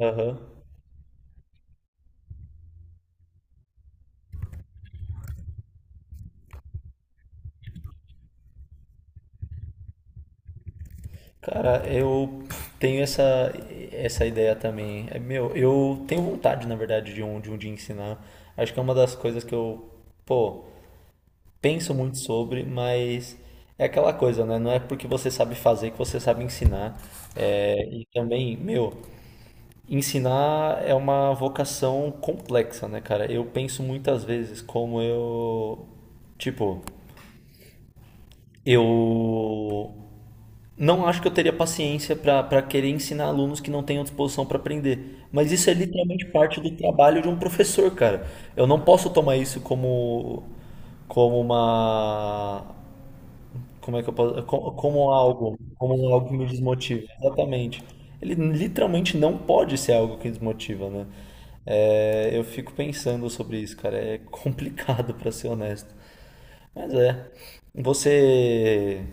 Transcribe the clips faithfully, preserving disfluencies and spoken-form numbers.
Aham. Cara, eu tenho essa, essa ideia também. É, meu, eu tenho vontade, na verdade, de um, de um dia ensinar. Acho que é uma das coisas que eu, pô, penso muito sobre, mas é aquela coisa, né? Não é porque você sabe fazer que você sabe ensinar. É, e também, meu, ensinar é uma vocação complexa, né, cara? Eu penso muitas vezes como eu, tipo, eu não acho que eu teria paciência para querer ensinar alunos que não tenham disposição para aprender. Mas isso é literalmente parte do trabalho de um professor, cara. Eu não posso tomar isso como, como uma. Como é que eu posso. co- Como algo. Como algo que me desmotiva. Exatamente. Ele literalmente não pode ser algo que desmotiva, né? É, eu fico pensando sobre isso, cara. É complicado, para ser honesto. Mas é. Você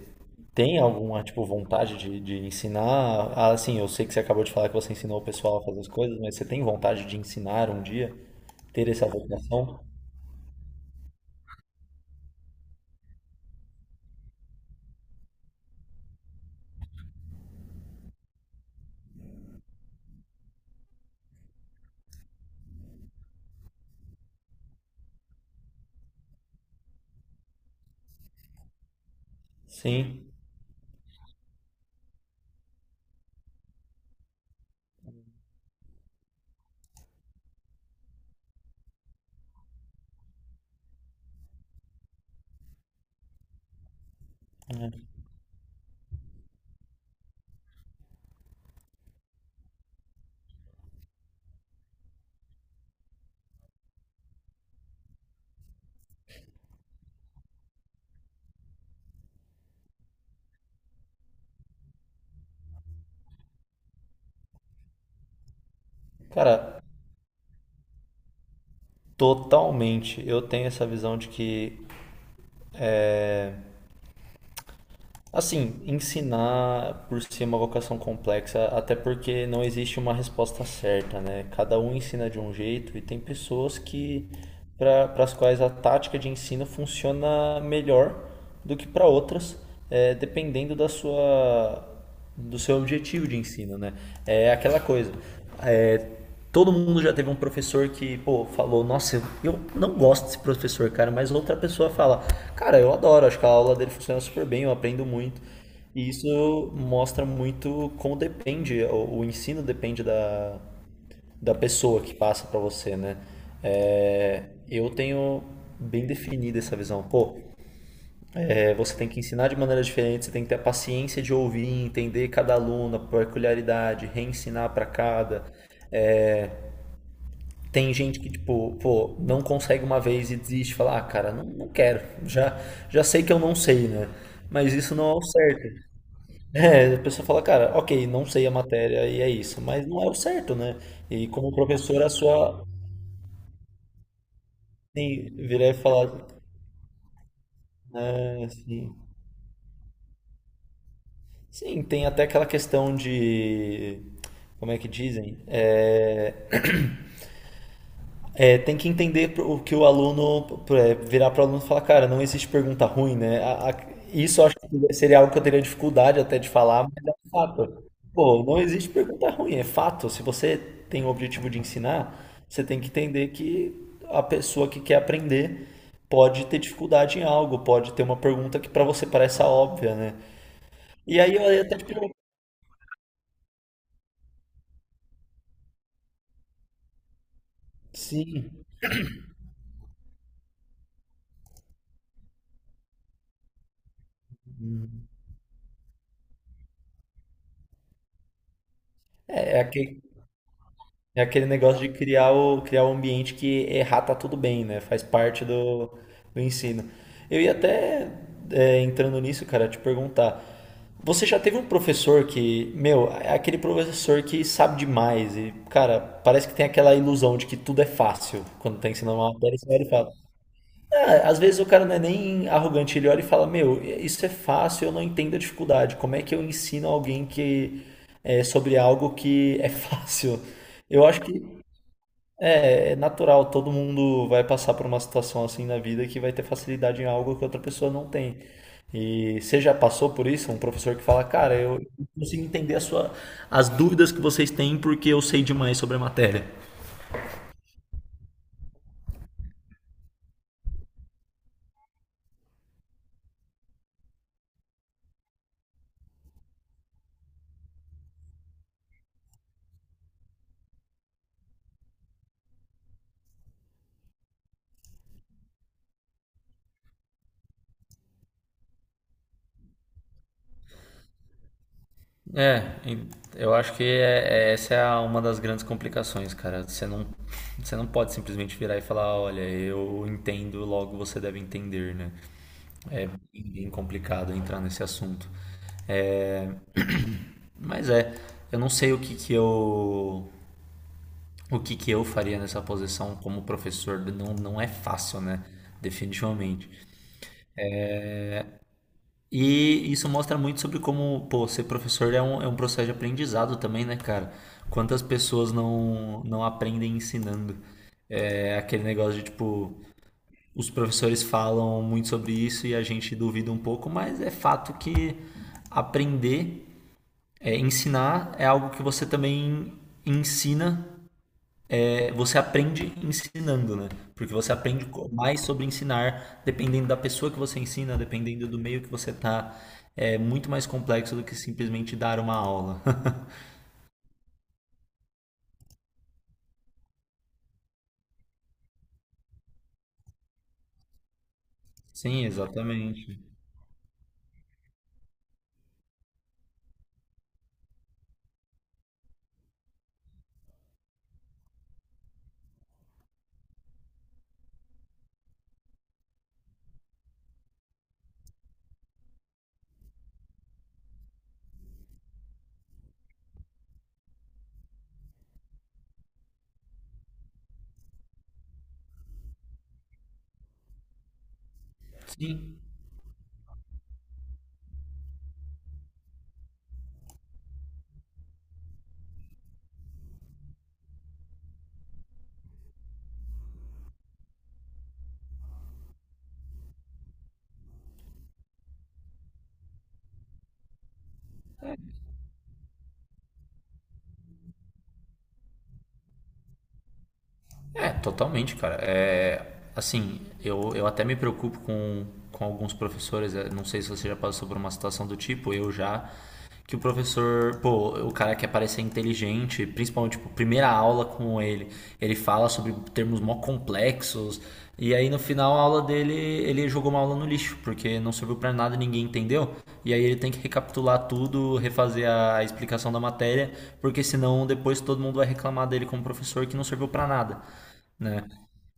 tem alguma, tipo, vontade de, de ensinar? Ah, assim, eu sei que você acabou de falar que você ensinou o pessoal a fazer as coisas, mas você tem vontade de ensinar um dia? Ter essa vocação? Sim. É. Cara, totalmente. Eu tenho essa visão de que, assim, ensinar por si é uma vocação complexa, até porque não existe uma resposta certa, né? Cada um ensina de um jeito e tem pessoas que para as quais a tática de ensino funciona melhor do que para outras, eh, dependendo da sua do seu objetivo de ensino, né? É aquela coisa. É, todo mundo já teve um professor que, pô, falou, nossa, eu, não gosto desse professor, cara, mas outra pessoa fala, cara, eu adoro, acho que a aula dele funciona super bem, eu aprendo muito. E isso mostra muito como depende, o, o ensino depende da, da pessoa que passa para você, né? É, eu tenho bem definida essa visão. Pô, é, você tem que ensinar de maneira diferente, você tem que ter a paciência de ouvir, entender cada aluno, a peculiaridade, reensinar para cada. Tem gente que, tipo, pô, não consegue uma vez e desiste, fala, ah, cara, não, não quero, já, já sei que eu não sei, né? Mas isso não é o certo. É, a pessoa fala, cara, ok, não sei a matéria e é isso, mas não é o certo, né? E como professor, a sua. Sim, virar e falar, né, assim. Sim, tem até aquela questão de. Como é que dizem? É, É, tem que entender o que o aluno é, virar para o aluno e falar, cara, não existe pergunta ruim, né? A- a- isso eu acho que seria algo que eu teria dificuldade até de falar, mas é um fato. Pô, não existe pergunta ruim, é fato. Se você tem o objetivo de ensinar, você tem que entender que a pessoa que quer aprender pode ter dificuldade em algo, pode ter uma pergunta que para você parece óbvia, né? E aí eu ia até te pergunto, sim, é, é aquele É aquele negócio de criar o, criar um ambiente que errar tá tudo bem, né? Faz parte do, do ensino. Eu ia até, é, entrando nisso, cara, te perguntar. Você já teve um professor que, meu, é aquele professor que sabe demais e, cara, parece que tem aquela ilusão de que tudo é fácil quando tá ensinando uma matéria, você olha e fala. Ah, às vezes o cara não é nem arrogante, ele olha e fala, meu, isso é fácil, eu não entendo a dificuldade. Como é que eu ensino alguém que é sobre algo que é fácil? Eu acho que é, é natural, todo mundo vai passar por uma situação assim na vida que vai ter facilidade em algo que outra pessoa não tem. E você já passou por isso? Um professor que fala, cara, eu consigo entender a sua, as dúvidas que vocês têm porque eu sei demais sobre a matéria. É, e eu acho que é- é- essa é a- uma das grandes complicações, cara. Você não, você não pode simplesmente virar e falar, olha, eu entendo, logo você deve entender, né? E é complicado entrar nesse assunto. É, Mas é, eu não sei o que que eu o que que eu faria nessa posição como professor, não, não é fácil, né? Definitivamente. E isso mostra muito sobre como, pô, ser professor é um, é um, processo de aprendizado também, né, cara? Quantas pessoas não, não aprendem ensinando? É aquele negócio de, tipo, os professores falam muito sobre isso e a gente duvida um pouco, mas é fato que aprender, é, ensinar é algo que você também ensina. É, você aprende ensinando, né? Porque você aprende co- mais sobre ensinar, dependendo da pessoa que você ensina, dependendo do meio que você tá. É muito mais complexo do que simplesmente dar uma aula. Sim, exatamente. Sim. É, totalmente, cara. É, assim, eu, eu até me preocupo com, com alguns professores. é, Não sei se você já passou por uma situação do tipo, eu já. Que o professor, pô, o cara quer parecer inteligente, principalmente, tipo, primeira aula com ele, ele fala sobre termos mó complexos, e aí no final a aula dele, ele jogou uma aula no lixo, porque não serviu para nada, ninguém entendeu, e aí ele tem que recapitular tudo, refazer a explicação da matéria, porque senão depois todo mundo vai reclamar dele como professor que não serviu para nada, né?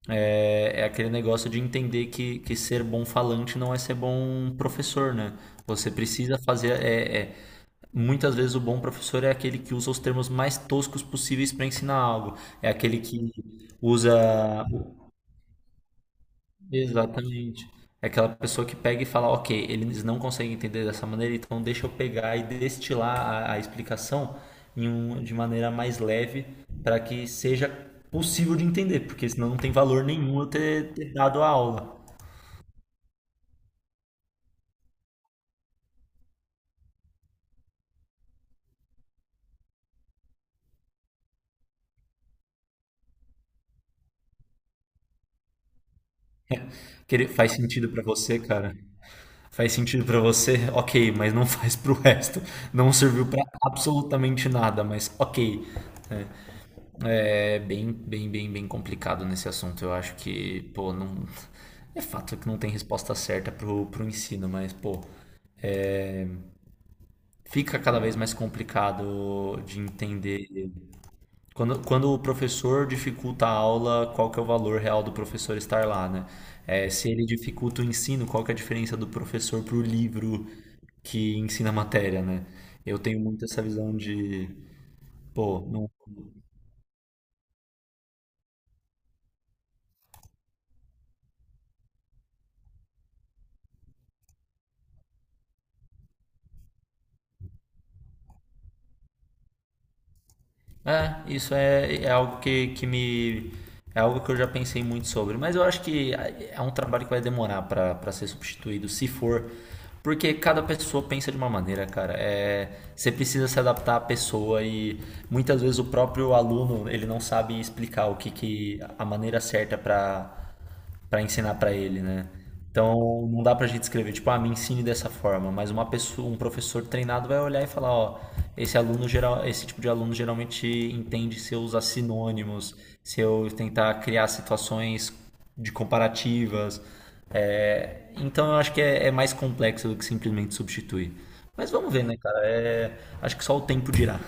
É, é aquele negócio de entender que, que, ser bom falante não é ser bom professor, né? Você precisa fazer. é, é Muitas vezes o bom professor é aquele que usa os termos mais toscos possíveis para ensinar algo. É aquele que usa. Exatamente. É aquela pessoa que pega e fala, ok, eles não conseguem entender dessa maneira, então deixa eu pegar e destilar a, a explicação em um- de maneira mais leve para que seja possível de entender, porque senão não tem valor nenhum eu ter, ter, dado a aula. Que ele faz sentido pra você, cara. Faz sentido pra você, ok, mas não faz pro resto. Não serviu pra absolutamente nada, mas ok. É bem, bem, bem, bem complicado nesse assunto. Eu acho que, pô, não. É fato que não tem resposta certa pro, pro ensino, mas, pô, fica cada vez mais complicado de entender. Quando, quando o professor dificulta a aula, qual que é o valor real do professor estar lá, né? É, se ele dificulta o ensino, qual que é a diferença do professor para o livro que ensina a matéria, né? Eu tenho muito essa visão de, pô, não. É, isso é, é algo que, que me. É algo que eu já pensei muito sobre. Mas eu acho que é um trabalho que vai demorar para para ser substituído, se for. Porque cada pessoa pensa de uma maneira, cara. É, você precisa se adaptar à pessoa e muitas vezes o próprio aluno ele não sabe explicar o que, que, a maneira certa para para ensinar para ele, né? Então não dá pra gente escrever, tipo, ah, me ensine dessa forma, mas uma pessoa, um professor treinado vai olhar e falar, ó, esse aluno geral, esse tipo de aluno geralmente entende se eu usar sinônimos, se eu tentar criar situações de comparativas. É, então eu acho que é, é mais complexo do que simplesmente substituir. Mas vamos ver, né, cara? É, acho que só o tempo dirá.